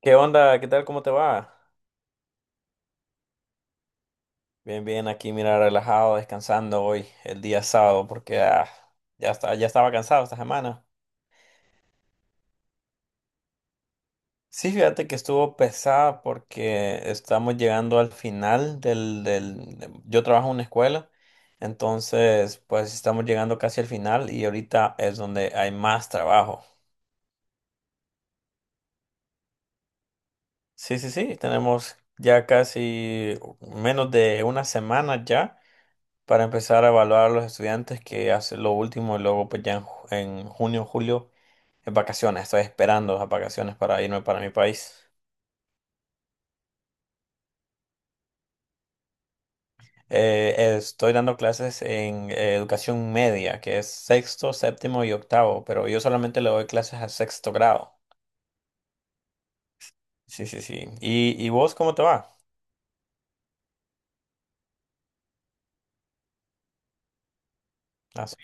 ¿Qué onda? ¿Qué tal? ¿Cómo te va? Bien, bien, aquí mira, relajado, descansando hoy, el día sábado, porque ya está, ya estaba cansado esta semana. Sí, fíjate que estuvo pesada porque estamos llegando al final. Yo trabajo en una escuela, entonces pues estamos llegando casi al final y ahorita es donde hay más trabajo. Sí, sí, sí, tenemos ya casi menos de una semana ya para empezar a evaluar a los estudiantes que hacen lo último y luego pues ya en junio, julio, en vacaciones. Estoy esperando las vacaciones para irme para mi país. Estoy dando clases en educación media, que es sexto, séptimo y octavo, pero yo solamente le doy clases a sexto grado. Sí, sí, sí. ¿Y vos cómo te va? Ah, sí.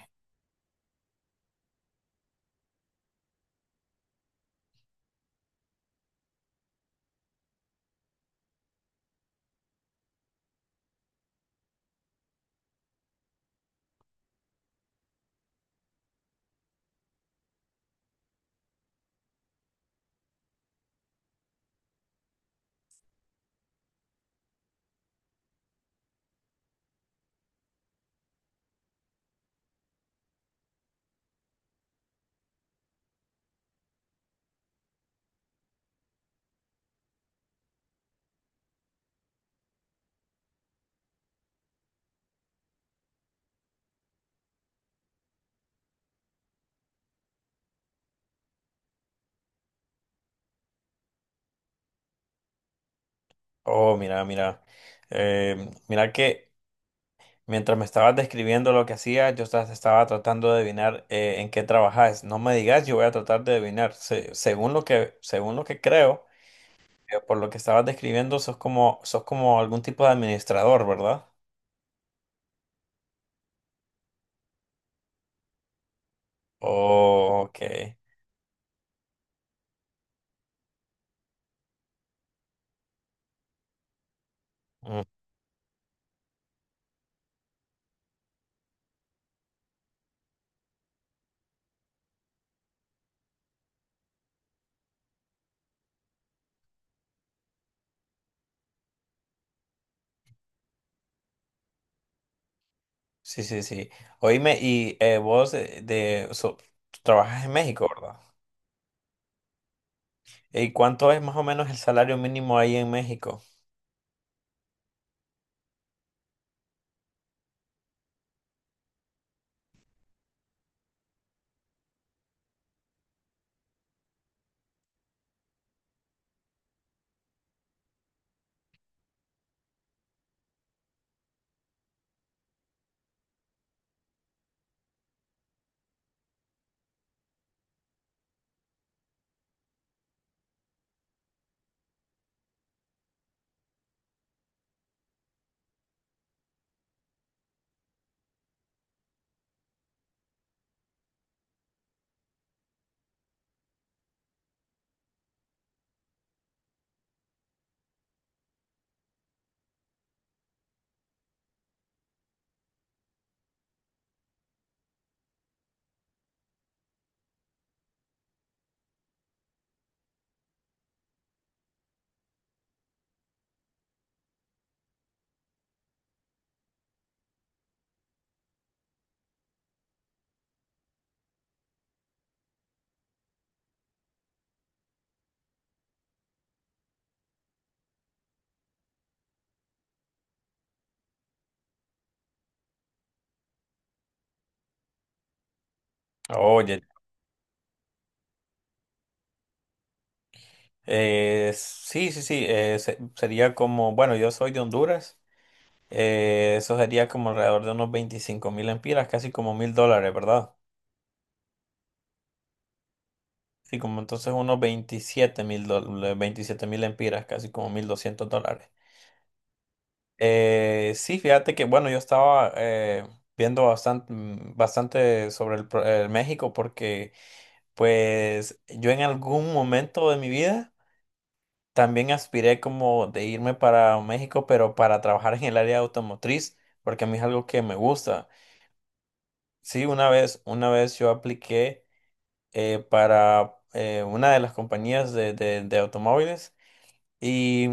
Oh, mira, mira. Eh, mira que... Mientras me estabas describiendo lo que hacías, yo estaba tratando de adivinar en qué trabajas. No me digas, yo voy a tratar de adivinar. Según lo que creo, por lo que estabas describiendo, sos como algún tipo de administrador, ¿verdad? Oh, ok. Mm, sí, sí, sí. Oíme, y vos trabajas en México, ¿verdad? ¿Y cuánto es más o menos el salario mínimo ahí en México? Oye, sí, sí, sí. Sería como, bueno, yo soy de Honduras. Eso sería como alrededor de unos 25,000 empiras, casi como $1,000, ¿verdad? Sí, como entonces unos $27,000, 27,000 empiras, casi como $1,200. Sí, fíjate que, bueno, yo estaba viendo bastante, bastante sobre el México porque, pues, yo en algún momento de mi vida también aspiré como de irme para México, pero para trabajar en el área automotriz, porque a mí es algo que me gusta. Sí, una vez yo apliqué para una de las compañías de automóviles y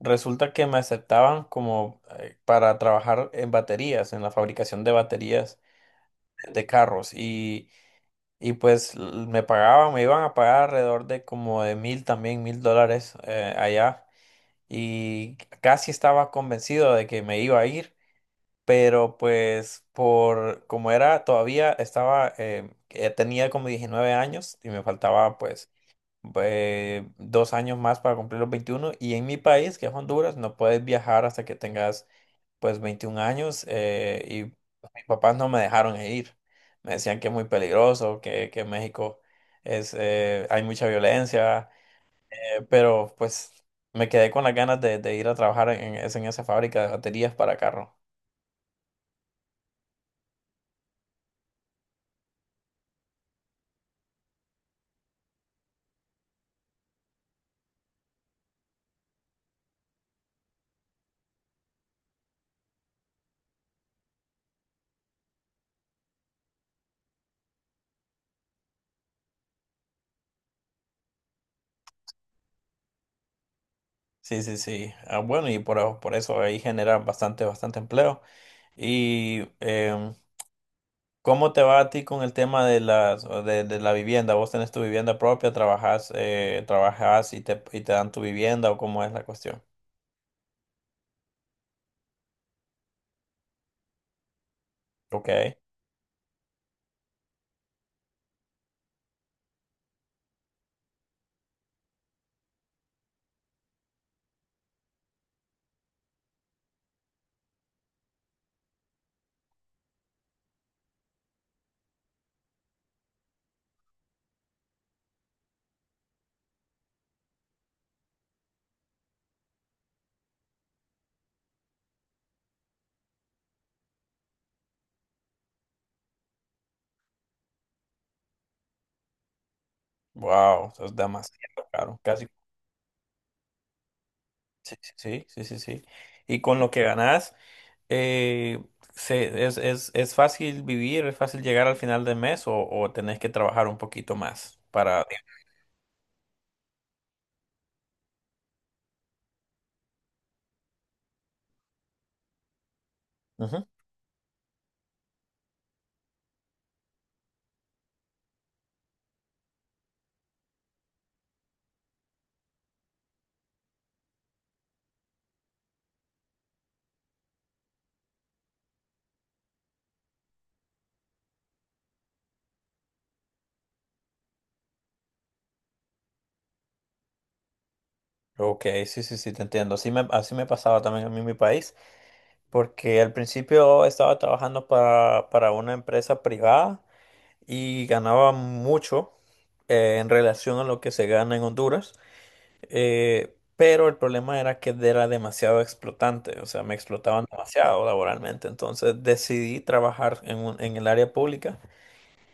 resulta que me aceptaban como para trabajar en baterías, en la fabricación de baterías de carros y, pues me iban a pagar alrededor de como de mil también, $1,000 allá y casi estaba convencido de que me iba a ir. Pero pues por como era todavía estaba tenía como 19 años y me faltaba pues 2 años más para cumplir los 21 y en mi país, que es Honduras, no puedes viajar hasta que tengas pues 21 años y pues, mis papás no me dejaron ir. Me decían que es muy peligroso, que México hay mucha violencia, pero pues me quedé con las ganas de ir a trabajar en esa fábrica de baterías para carro. Sí, sí, sí. Ah, bueno, y por eso ahí generan bastante, bastante empleo. Y ¿cómo te va a ti con el tema de de la vivienda? ¿Vos tenés tu vivienda propia, trabajas y te dan tu vivienda o cómo es la cuestión? Ok, wow, eso es demasiado caro, casi, sí, sí, sí, sí, sí. Y con lo que ganás, eh, ¿es fácil vivir, es fácil llegar al final del mes o tenés que trabajar un poquito más para...? Ujú. Ok, sí, sí, sí, te entiendo. Así me pasaba también a mí en mi país. Porque al principio estaba trabajando para una empresa privada y ganaba mucho en relación a lo que se gana en Honduras, pero el problema era que era demasiado explotante, o sea, me explotaban demasiado laboralmente, entonces decidí trabajar en el área pública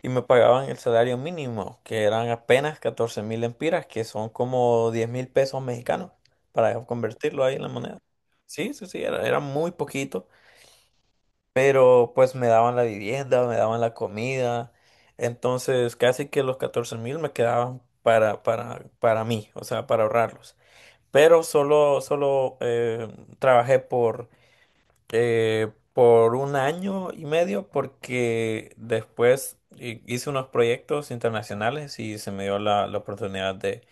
y me pagaban el salario mínimo, que eran apenas 14,000 empiras, que son como 10,000 pesos mexicanos, para convertirlo ahí en la moneda. Sí, sí, sí, era muy poquito pero pues me daban la vivienda, me daban la comida, entonces casi que los 14,000 me quedaban para mí, o sea, para ahorrarlos. Pero solo trabajé por un año y medio porque después hice unos proyectos internacionales y se me dio la oportunidad de,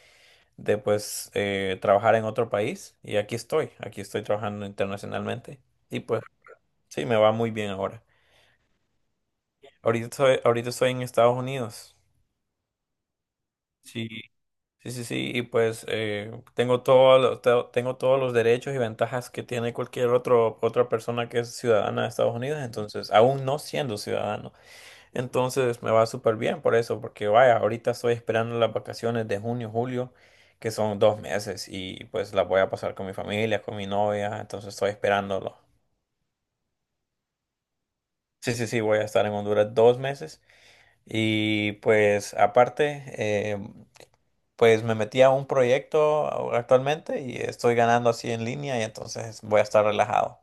de pues trabajar en otro país y aquí estoy trabajando internacionalmente y pues sí, me va muy bien ahora. Ahorita estoy en Estados Unidos. Sí, sí, sí, sí, y pues tengo todos los derechos y ventajas que tiene cualquier otro, otra persona que es ciudadana de Estados Unidos, entonces, aún no siendo ciudadano. Entonces me va súper bien por eso, porque vaya, ahorita estoy esperando las vacaciones de junio, julio, que son 2 meses, y pues las voy a pasar con mi familia, con mi novia, entonces estoy esperándolo. Sí, sí, sí, voy a estar en Honduras 2 meses. Y pues aparte, pues me metí a un proyecto actualmente y estoy ganando así en línea y entonces voy a estar relajado.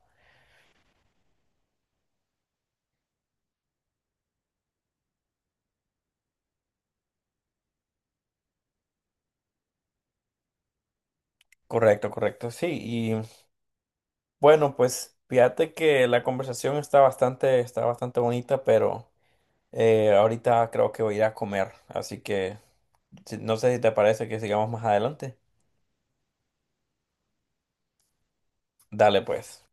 Correcto, correcto, sí. Y bueno, pues fíjate que la conversación está bastante, bonita, pero ahorita creo que voy a ir a comer. Así que no sé si te parece que sigamos más adelante. Dale pues.